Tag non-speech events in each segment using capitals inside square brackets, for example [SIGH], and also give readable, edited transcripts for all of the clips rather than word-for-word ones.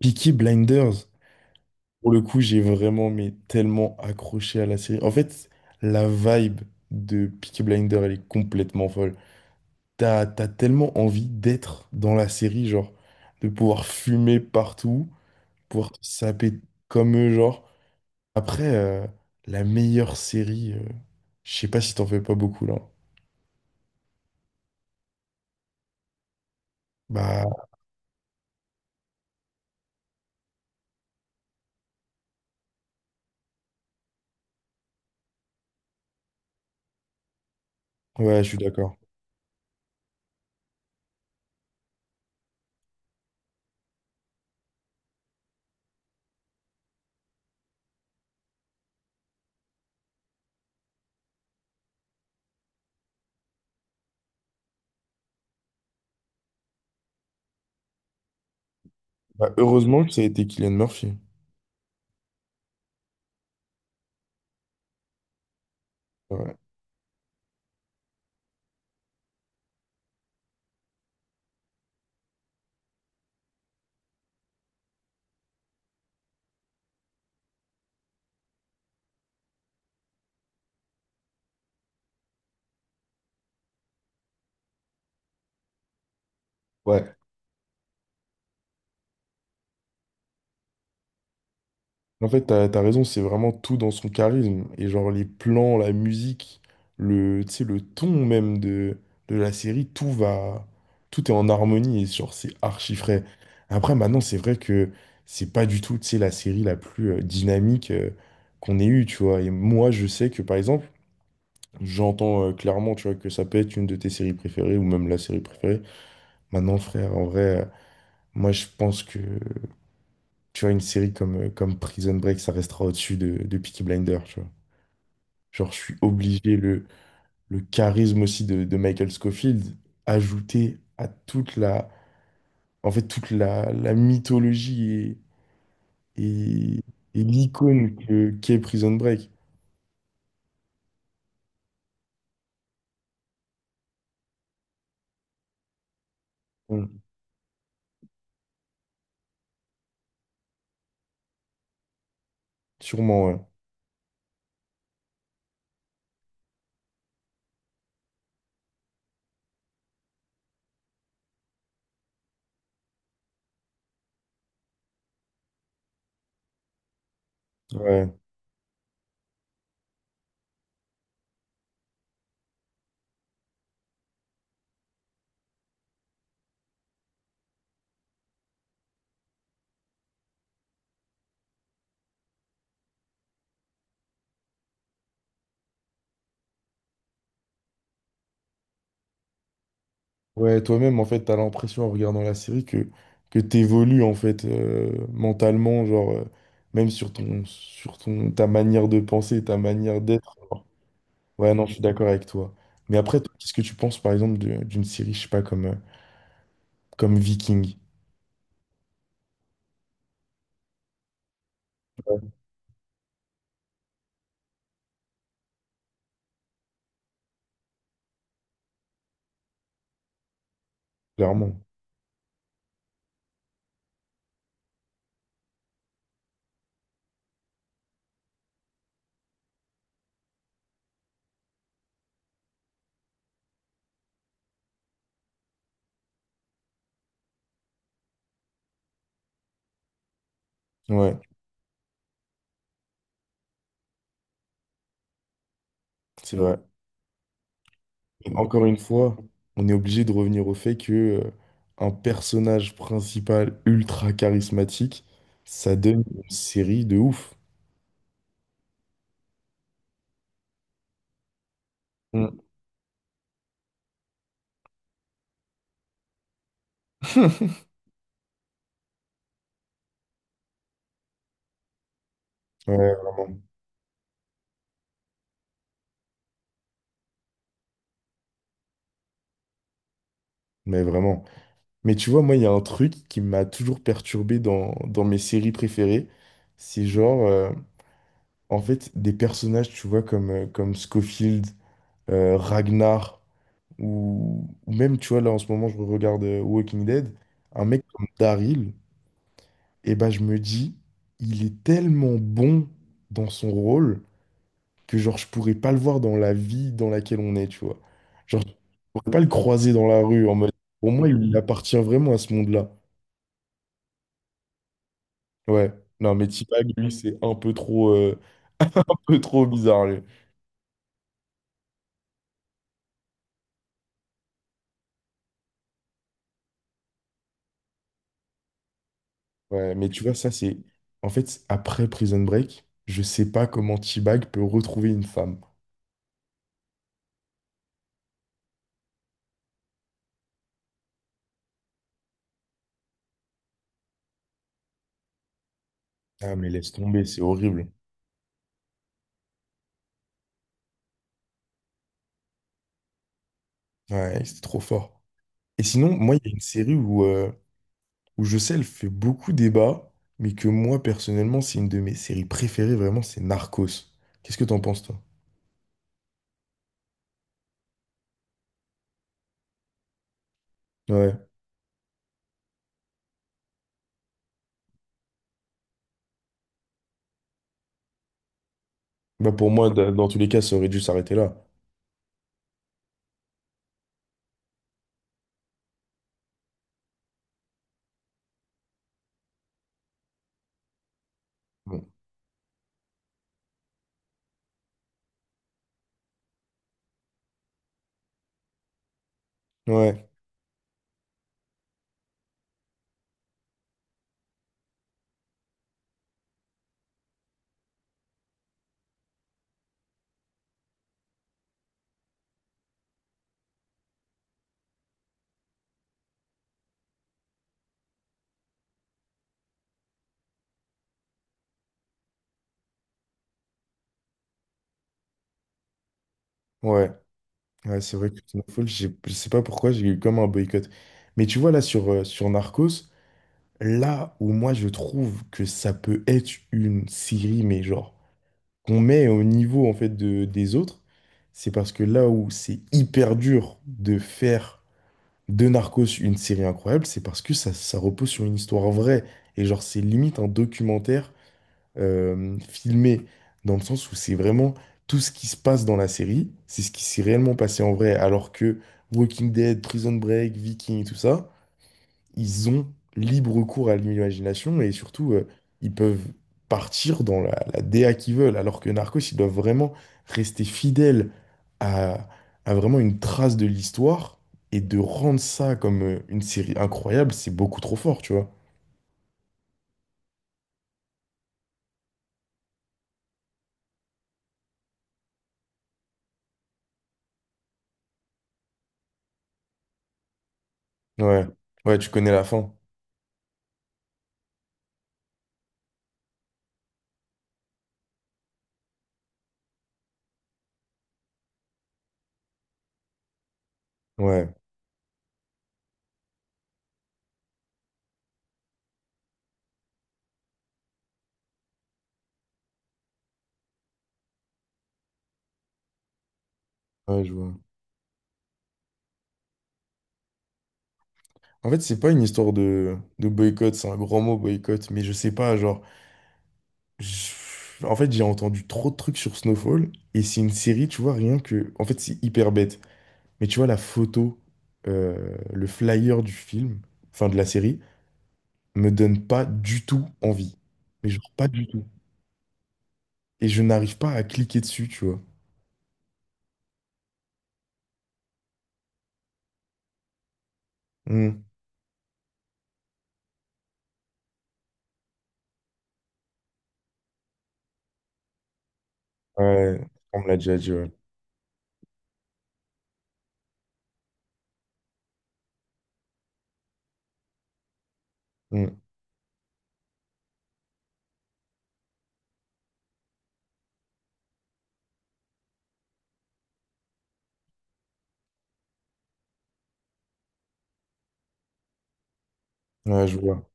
Peaky Blinders, pour le coup, j'ai vraiment, mais tellement accroché à la série. En fait, la vibe de Peaky Blinders, elle est complètement folle. T'as tellement envie d'être dans la série, genre, de pouvoir fumer partout, pouvoir te saper comme eux, genre. Après, la meilleure série, je sais pas si t'en fais pas beaucoup, là. Bah, ouais, je suis d'accord. Bah, heureusement que ça a été Killian Murphy. Ouais. Ouais. En fait, t'as raison, c'est vraiment tout dans son charisme. Et genre les plans, la musique, le, tu sais, le ton même de la série, tout va, tout est en harmonie et genre c'est archi frais. Après, maintenant, c'est vrai que c'est pas du tout, tu sais, la série la plus dynamique qu'on ait eue, tu vois. Et moi, je sais que par exemple, j'entends clairement, tu vois, que ça peut être une de tes séries préférées ou même la série préférée. Maintenant, frère, en vrai, moi, je pense que tu vois, une série comme, comme Prison Break, ça restera au-dessus de Peaky Blinders, tu vois. Genre, je suis obligé, le charisme aussi de Michael Scofield, ajouté à toute la, en fait, toute la, la mythologie et, et l'icône que, qu'est Prison Break. Bon, sûrement, ouais. Ouais, ouais, toi-même, en fait, t'as l'impression en regardant la série que t'évolues, en fait, mentalement, genre, même sur ton, ta manière de penser, ta manière d'être. Ouais, non, je suis d'accord avec toi. Mais après, toi, qu'est-ce que tu penses, par exemple, d'une série, je sais pas, comme, comme Viking? Ouais. Clairement. Ouais, c'est vrai. Et encore une fois, on est obligé de revenir au fait que, un personnage principal ultra charismatique, ça donne une série de ouf. Mm. [LAUGHS] Ouais, vraiment. Mais vraiment. Mais tu vois, moi, il y a un truc qui m'a toujours perturbé dans, dans mes séries préférées. C'est genre, en fait, des personnages, tu vois, comme, comme Scofield. Ragnar, ou même, tu vois, là en ce moment, je regarde Walking Dead, un mec comme Daryl, et ben je me dis, il est tellement bon dans son rôle que genre je pourrais pas le voir dans la vie dans laquelle on est, tu vois. Genre, je pourrais pas le croiser dans la rue en mode, pour moi, il appartient vraiment à ce monde-là. Ouais. Non, mais T-Bag, lui, c'est un peu trop, [LAUGHS] un peu trop bizarre, lui. Ouais, mais tu vois, ça, c'est. En fait, après Prison Break, je sais pas comment T-Bag peut retrouver une femme. Ah, mais laisse tomber, c'est horrible. Ouais, c'était trop fort. Et sinon, moi, il y a une série où, où je sais, elle fait beaucoup débat, mais que moi, personnellement, c'est une de mes séries préférées, vraiment, c'est Narcos. Qu'est-ce que t'en penses, toi? Ouais. Bah, pour moi, dans tous les cas, ça aurait dû s'arrêter là. Bon. Ouais, ouais, ouais, c'est vrai que Snowfall, je sais pas pourquoi, j'ai eu comme un boycott. Mais tu vois, là, sur, sur Narcos, là où moi, je trouve que ça peut être une série, mais genre. Qu'on met au niveau en fait de, des autres, c'est parce que là où c'est hyper dur de faire de Narcos une série incroyable, c'est parce que ça repose sur une histoire vraie. Et genre, c'est limite un documentaire filmé, dans le sens où c'est vraiment tout ce qui se passe dans la série, c'est ce qui s'est réellement passé en vrai, alors que Walking Dead, Prison Break, Viking et tout ça, ils ont libre cours à l'imagination et surtout, ils peuvent partir dans la, la DA qu'ils veulent, alors que Narcos, ils doivent vraiment rester fidèles à, à vraiment une trace de l'histoire et de rendre ça comme une série incroyable, c'est beaucoup trop fort, tu vois. Ouais, ouais, tu connais la fin. Ouais, ouais, je vois. En fait, c'est pas une histoire de boycott, c'est un grand mot boycott, mais je sais pas, genre, en fait, j'ai entendu trop de trucs sur Snowfall, et c'est une série, tu vois, rien que, en fait, c'est hyper bête. Mais tu vois, la photo, le flyer du film, enfin de la série, me donne pas du tout envie. Mais genre pas du tout. Et je n'arrive pas à cliquer dessus, tu vois. Hmm. Ouais, on me l'a déjà dit, ouais. Hmm. Ouais, je vois.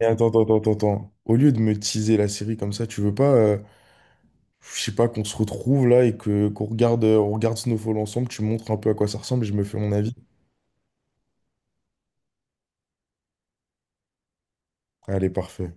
Et attends, attends, attends, attends. Attends. Au lieu de me teaser la série comme ça, tu veux pas, je sais pas, qu'on se retrouve là et que qu'on regarde, on regarde Snowfall ensemble, tu montres un peu à quoi ça ressemble et je me fais mon avis. Allez, parfait.